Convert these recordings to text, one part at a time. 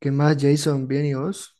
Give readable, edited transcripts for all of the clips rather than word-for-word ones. ¿Qué más, Jason? ¿Bien y vos?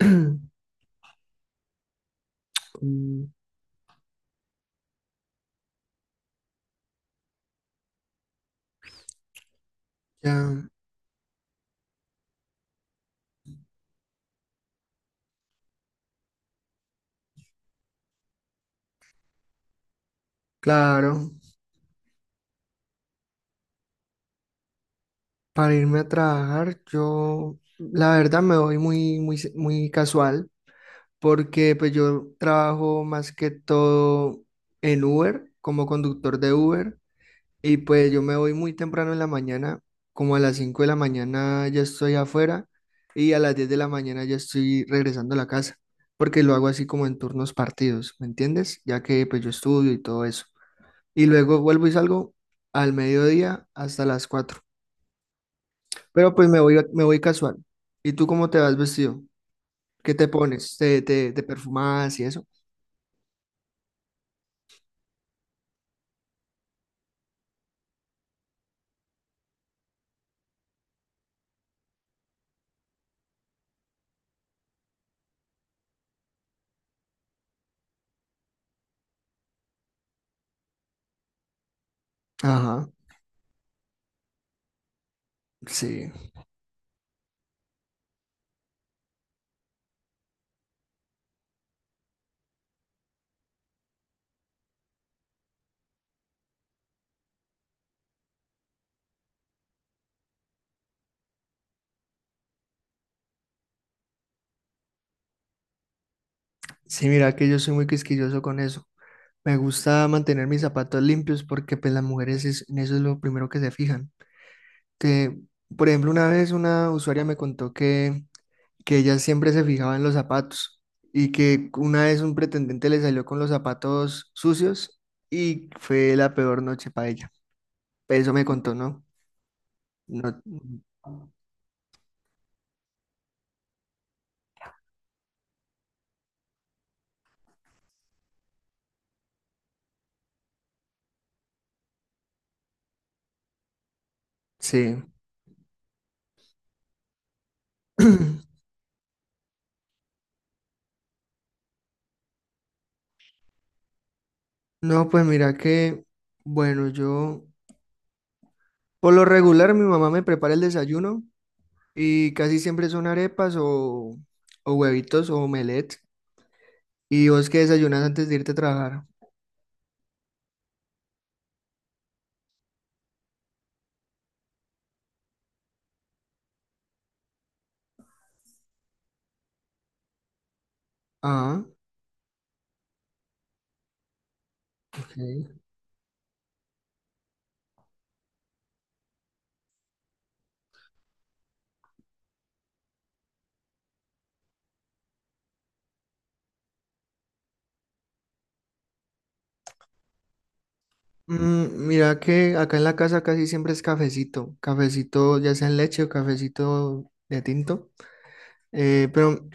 Mm, Ya, claro. Para irme a trabajar, yo la verdad me voy muy, muy, muy casual porque pues yo trabajo más que todo en Uber, como conductor de Uber, y pues yo me voy muy temprano en la mañana, como a las 5 de la mañana ya estoy afuera y a las 10 de la mañana ya estoy regresando a la casa, porque lo hago así como en turnos partidos, ¿me entiendes? Ya que pues yo estudio y todo eso. Y luego vuelvo y salgo al mediodía hasta las 4. Pero pues me voy casual. ¿Y tú cómo te vas vestido? ¿Qué te pones? ¿Te perfumas y eso? Ajá, sí. Sí, mira que yo soy muy quisquilloso con eso. Me gusta mantener mis zapatos limpios porque pues las mujeres en eso es lo primero que se fijan. Que por ejemplo, una vez una usuaria me contó que ella siempre se fijaba en los zapatos y que una vez un pretendiente le salió con los zapatos sucios y fue la peor noche para ella. Eso me contó, ¿no? No, sí. No, pues mira que, bueno, yo por lo regular mi mamá me prepara el desayuno y casi siempre son arepas o huevitos o omelette. ¿Y vos qué desayunas antes de irte a trabajar? Ah, ok. Mm, mira que acá en la casa casi siempre es cafecito, cafecito ya sea en leche o cafecito de tinto, pero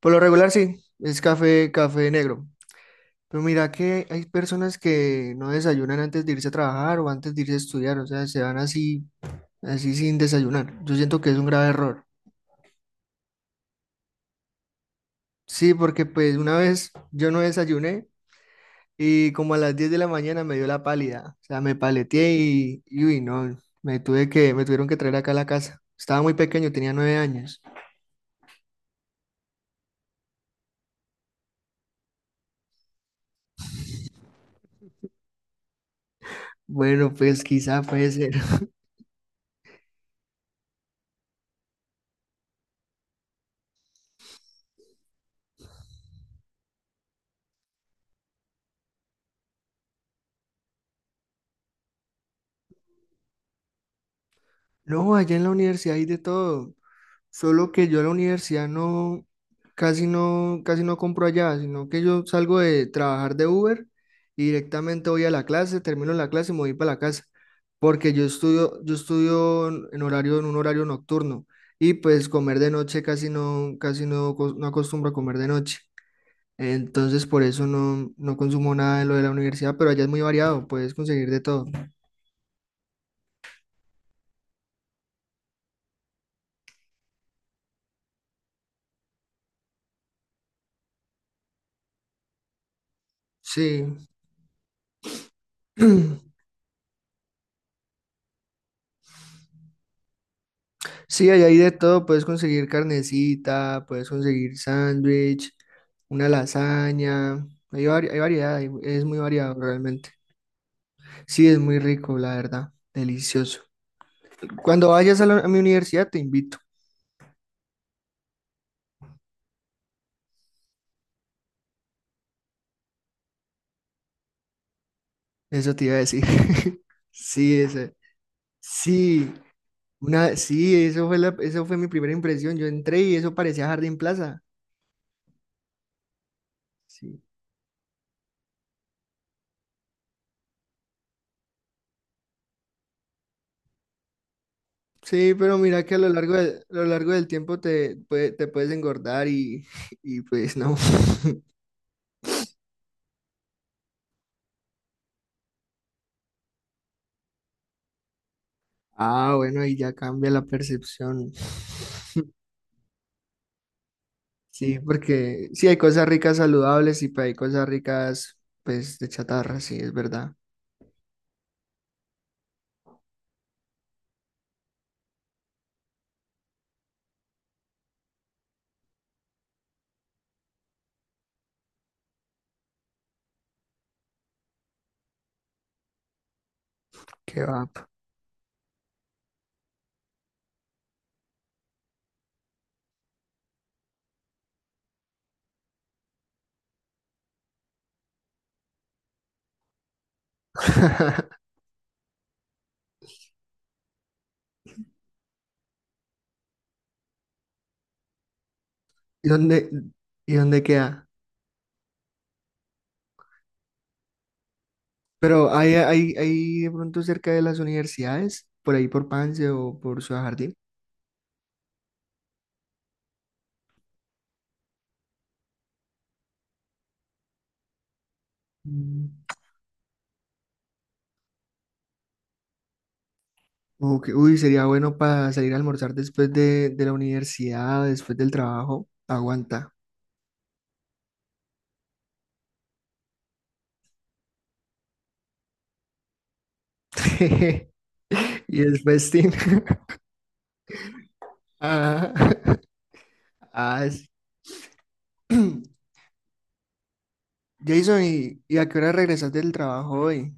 por lo regular sí, es café, café negro. Pero mira que hay personas que no desayunan antes de irse a trabajar o antes de irse a estudiar, o sea, se van así, sin desayunar. Yo siento que es un grave error. Sí, porque pues una vez yo no desayuné. Y como a las 10 de la mañana me dio la pálida. O sea, me paleteé y uy, no, me tuvieron que traer acá a la casa. Estaba muy pequeño, tenía 9 años. Bueno, pues quizá puede ser. No, allá en la universidad hay de todo. Solo que yo a la universidad no, casi no compro allá, sino que yo salgo de trabajar de Uber y directamente voy a la clase, termino la clase y me voy para la casa, porque yo estudio en horario, en un horario nocturno. Y pues comer de noche casi no, no acostumbro a comer de noche. Entonces por eso no consumo nada de lo de la universidad, pero allá es muy variado, puedes conseguir de todo. Sí. Sí, hay ahí de todo, puedes conseguir carnecita, puedes conseguir sándwich, una lasaña, hay variedad, es muy variado realmente. Sí, es muy rico, la verdad, delicioso. Cuando vayas a mi universidad te invito, eso te iba a decir. Sí, sí, sí, eso fue mi primera impresión, yo entré y eso parecía Jardín Plaza. Sí. Sí, pero mira que a lo largo del tiempo te puedes engordar y, y pues no. Ah, bueno, ahí ya cambia la percepción. Sí, porque sí hay cosas ricas saludables y pues, hay cosas ricas, pues, de chatarra, sí, es verdad. Qué va. ¿Y dónde, y dónde queda? Pero hay de pronto cerca de las universidades, por ahí por Pance o por Ciudad Jardín. Mm. Ok, uy, sería bueno para salir a almorzar después de la universidad, después del trabajo. Aguanta. Y es festín. Ah, ah, Jason, ¿y a qué hora regresas del trabajo hoy?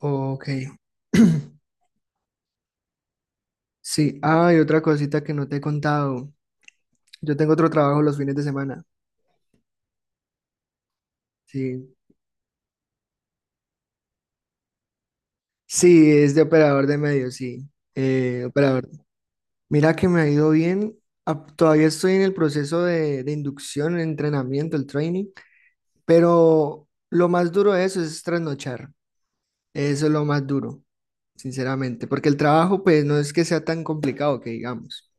Ok. Sí, ah, y otra cosita que no te he contado. Yo tengo otro trabajo los fines de semana. Sí. Sí, es de operador de medios, sí. Operador. Mira que me ha ido bien. Ah, todavía estoy en el proceso de inducción, el entrenamiento, el training, pero lo más duro de eso es trasnochar. Eso es lo más duro, sinceramente, porque el trabajo pues no es que sea tan complicado que digamos.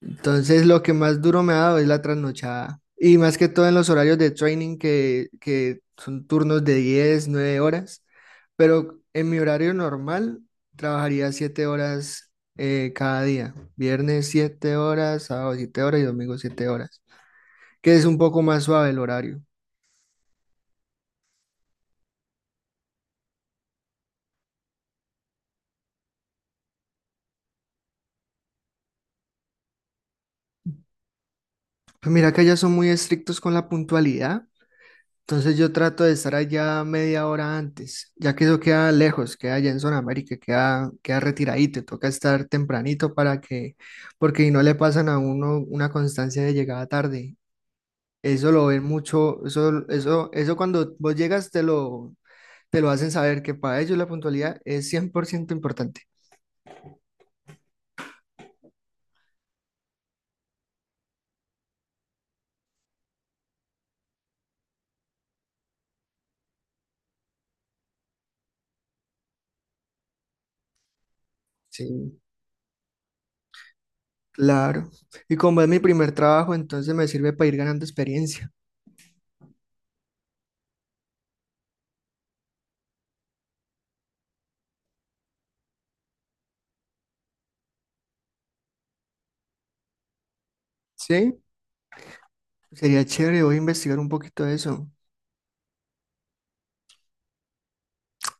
Entonces, lo que más duro me ha dado es la trasnochada. Y más que todo en los horarios de training, que son turnos de 10 9 horas. Pero en mi horario normal, trabajaría 7 horas cada día. Viernes 7 horas, sábado 7 horas y domingo 7 horas. Que es un poco más suave el horario. Pues mira que allá son muy estrictos con la puntualidad. Entonces yo trato de estar allá media hora antes, ya que eso queda lejos, queda allá en zona América, queda retiradito, toca estar tempranito porque si no le pasan a uno una constancia de llegada tarde. Eso lo ven mucho, eso cuando vos llegas te lo hacen saber que para ellos la puntualidad es 100% importante. Sí. Claro. Y como es mi primer trabajo, entonces me sirve para ir ganando experiencia. ¿Sí? Sería chévere, voy a investigar un poquito de eso.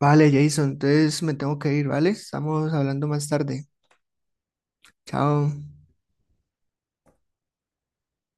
Vale, Jason, entonces me tengo que ir, ¿vale? Estamos hablando más tarde. Chao.